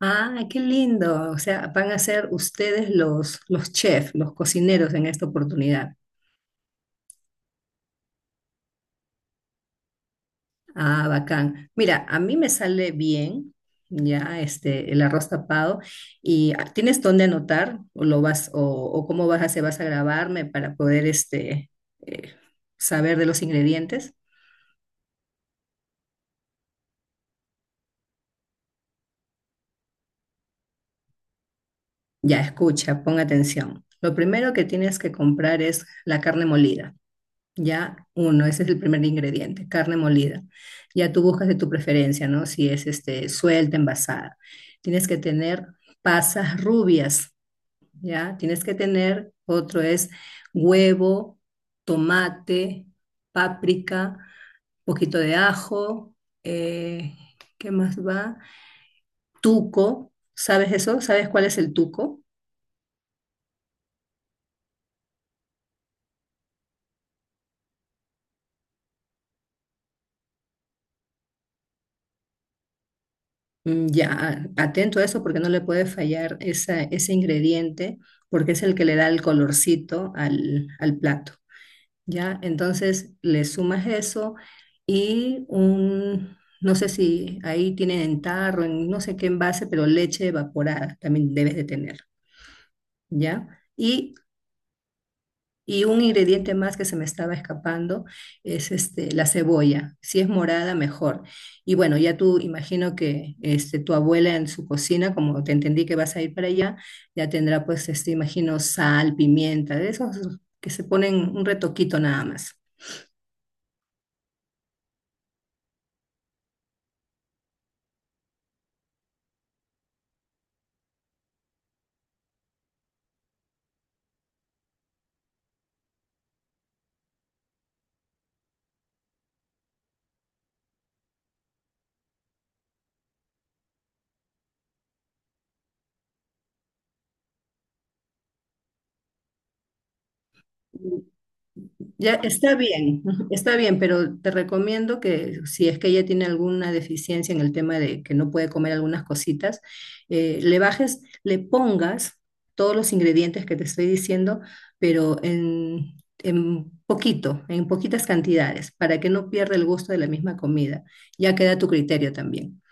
Ah, qué lindo. O sea, van a ser ustedes los chefs, los cocineros en esta oportunidad. Ah, bacán. Mira, a mí me sale bien ya este el arroz tapado. Y ah, ¿tienes dónde anotar o lo vas o cómo vas a hacer? ¿Vas a grabarme para poder este eh, saber de los ingredientes? Ya, escucha, pon atención. Lo primero que tienes que comprar es la carne molida. Ya, uno, ese es el primer ingrediente, carne molida. Ya tú buscas de tu preferencia, ¿no? Si es este, suelta, envasada. Tienes que tener pasas rubias, ¿ya? Tienes que tener, otro es huevo, tomate, páprica, poquito de ajo, eh, ¿qué más va? Tuco, ¿sabes eso? ¿Sabes cuál es el tuco? Mm, ya, atento a eso porque no le puede fallar esa, ese ingrediente, porque es el que le da el colorcito al plato, ¿ya? Entonces le sumas eso y un, no sé si ahí tienen en tarro, en no sé qué envase, pero leche evaporada también debes de tener, ¿ya? Y un ingrediente más que se me estaba escapando es este, la cebolla. Si es morada, mejor. Y bueno, ya tú imagino que este, tu abuela en su cocina, como te entendí que vas a ir para allá, ya tendrá pues, este, imagino, sal, pimienta, de esos que se ponen un retoquito nada más. Ya está bien, ujú, está bien, pero te recomiendo que si es que ella tiene alguna deficiencia en el tema de que no puede comer algunas cositas, le bajes, le pongas todos los ingredientes que te estoy diciendo, pero en poquito, en poquitas cantidades, para que no pierda el gusto de la misma comida. Ya queda a tu criterio también.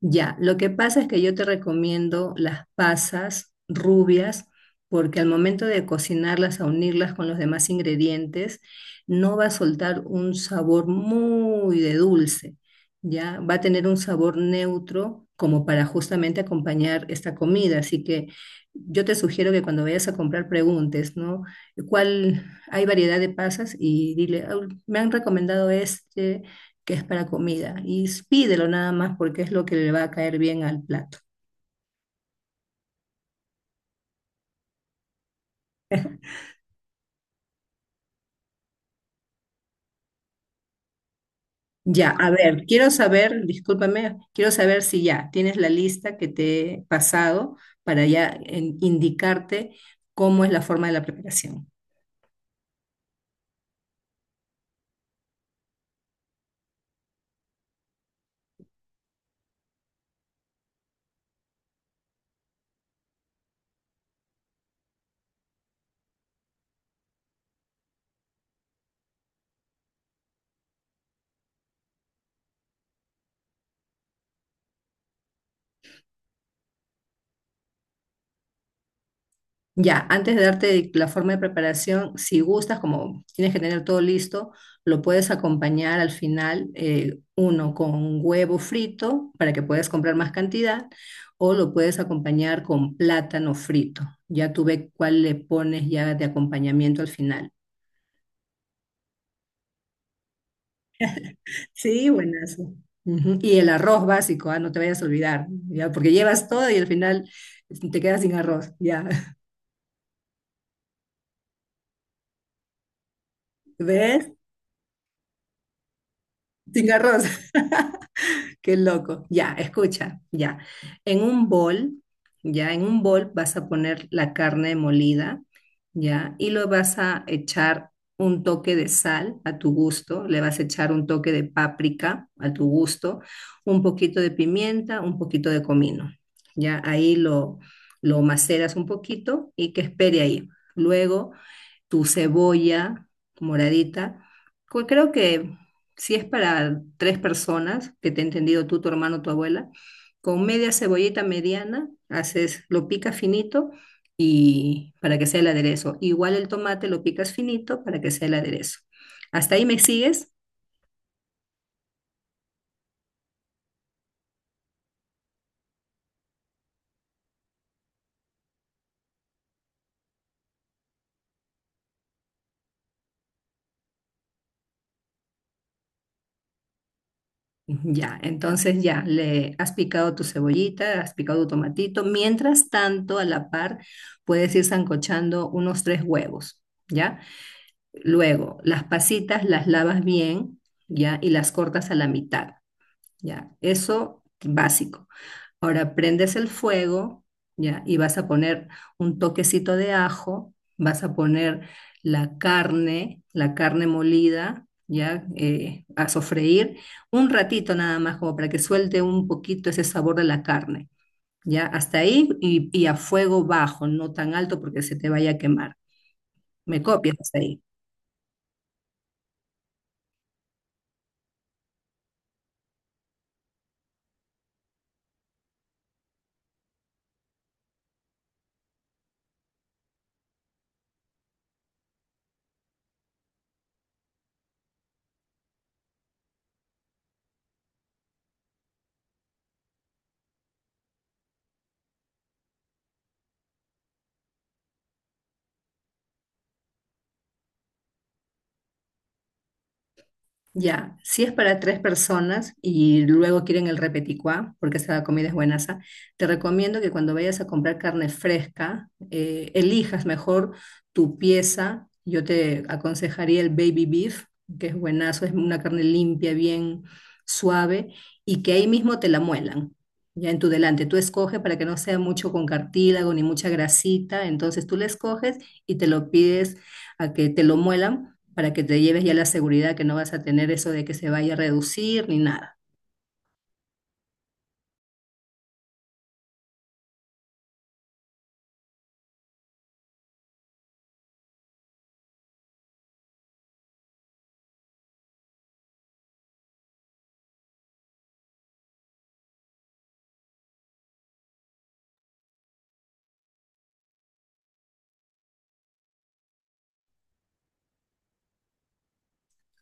Ya, lo que pasa es que yo te recomiendo las pasas rubias porque al momento de cocinarlas, a unirlas con los demás ingredientes, no va a soltar un sabor muy de dulce, ya va a tener un sabor neutro como para justamente acompañar esta comida. Así que yo te sugiero que cuando vayas a comprar preguntes, ¿no? ¿Cuál hay variedad de pasas? Y dile: "Ah, me han recomendado este que es para comida", y pídelo nada más porque es lo que le va a caer bien al plato. Ya, a ver, quiero saber, discúlpame, quiero saber si ya tienes la lista que te he pasado para ya indicarte cómo es la forma de la preparación. Ya, antes de darte la forma de preparación, si gustas, como tienes que tener todo listo, lo puedes acompañar al final, uno con huevo frito para que puedas comprar más cantidad, o lo puedes acompañar con plátano frito. Ya tú ve cuál le pones ya de acompañamiento al final. Sí, buenazo. Ujú, y el arroz básico, ah, no te vayas a olvidar, ya, porque llevas todo y al final te quedas sin arroz, ya. ¿Ves? Sin arroz. Qué loco. Ya, escucha, ya. En un bol, ya, en un bol vas a poner la carne molida, ya, y lo vas a echar un toque de sal a tu gusto, le vas a echar un toque de páprica a tu gusto, un poquito de pimienta, un poquito de comino. Ya, ahí lo maceras un poquito y que espere ahí. Luego tu cebolla moradita. Creo que si es para tres personas, que te he entendido tú, tu hermano, tu abuela, con media cebollita mediana, haces, lo picas finito y para que sea el aderezo. Igual el tomate lo picas finito para que sea el aderezo. ¿Hasta ahí me sigues? Ya, entonces ya, le has picado tu cebollita, has picado tu tomatito. Mientras tanto, a la par, puedes ir sancochando unos tres huevos, ¿ya? Luego, las pasitas las lavas bien, ¿ya? Y las cortas a la mitad, ¿ya? Eso básico. Ahora prendes el fuego, ¿ya? Y vas a poner un toquecito de ajo, vas a poner la carne molida, ¿ya? A sofreír un ratito nada más, como para que suelte un poquito ese sabor de la carne, ¿ya? Hasta ahí y a fuego bajo, no tan alto porque se te vaya a quemar. ¿Me copias hasta ahí? Ya, si es para tres personas y luego quieren el repeticuá, porque esa comida es buenaza, te recomiendo que cuando vayas a comprar carne fresca, elijas mejor tu pieza. Yo te aconsejaría el baby beef, que es buenazo, es una carne limpia, bien suave, y que ahí mismo te la muelan, ya en tu delante. Tú escoges para que no sea mucho con cartílago ni mucha grasita, entonces tú la escoges y te lo pides a que te lo muelan para que te lleves ya la seguridad que no vas a tener eso de que se vaya a reducir ni nada.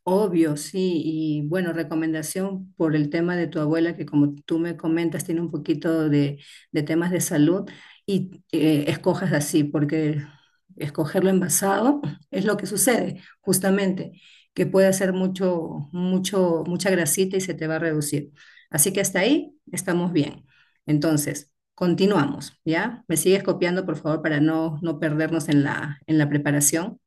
Obvio, sí, y bueno, recomendación por el tema de tu abuela, que como tú me comentas, tiene un poquito de temas de salud, y escojas así, porque escogerlo envasado es lo que sucede, justamente, que puede hacer mucho, mucho, mucha grasita y se te va a reducir. Así que hasta ahí estamos bien. Entonces, continuamos, ¿ya? Me sigues copiando, por favor, para no perdernos en en la preparación.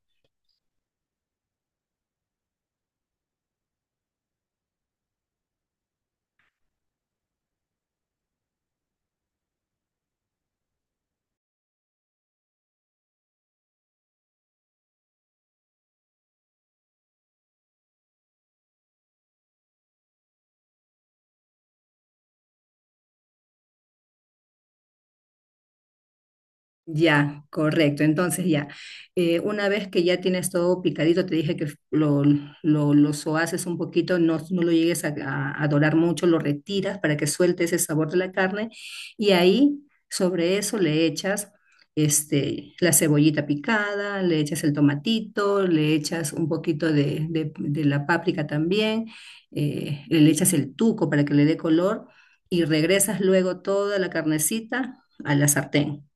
Ya, correcto. Entonces ya, una vez que ya tienes todo picadito, te dije que lo sohaces un poquito, no lo llegues a, a dorar mucho, lo retiras para que suelte ese sabor de la carne y ahí sobre eso le echas este, la cebollita picada, le echas el tomatito, le echas un poquito de, de la páprica también, le echas el tuco para que le dé color y regresas luego toda la carnecita a la sartén.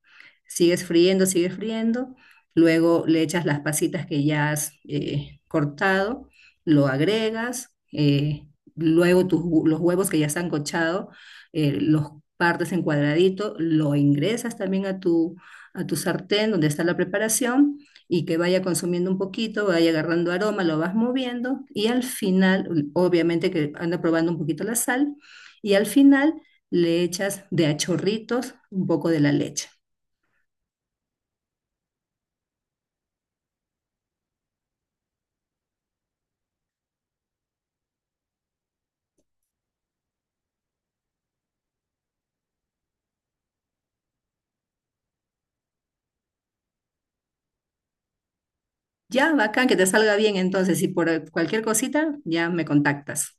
Sigues friendo, sigues friendo. Luego le echas las pasitas que ya has cortado, lo agregas. Luego los huevos que ya están cochados, los partes en cuadradito, lo ingresas también a tu sartén donde está la preparación y que vaya consumiendo un poquito, vaya agarrando aroma, lo vas moviendo y al final, obviamente que anda probando un poquito la sal, y al final le echas de a chorritos un poco de la leche. Ya, bacán, que te salga bien entonces. Y por cualquier cosita, ya me contactas.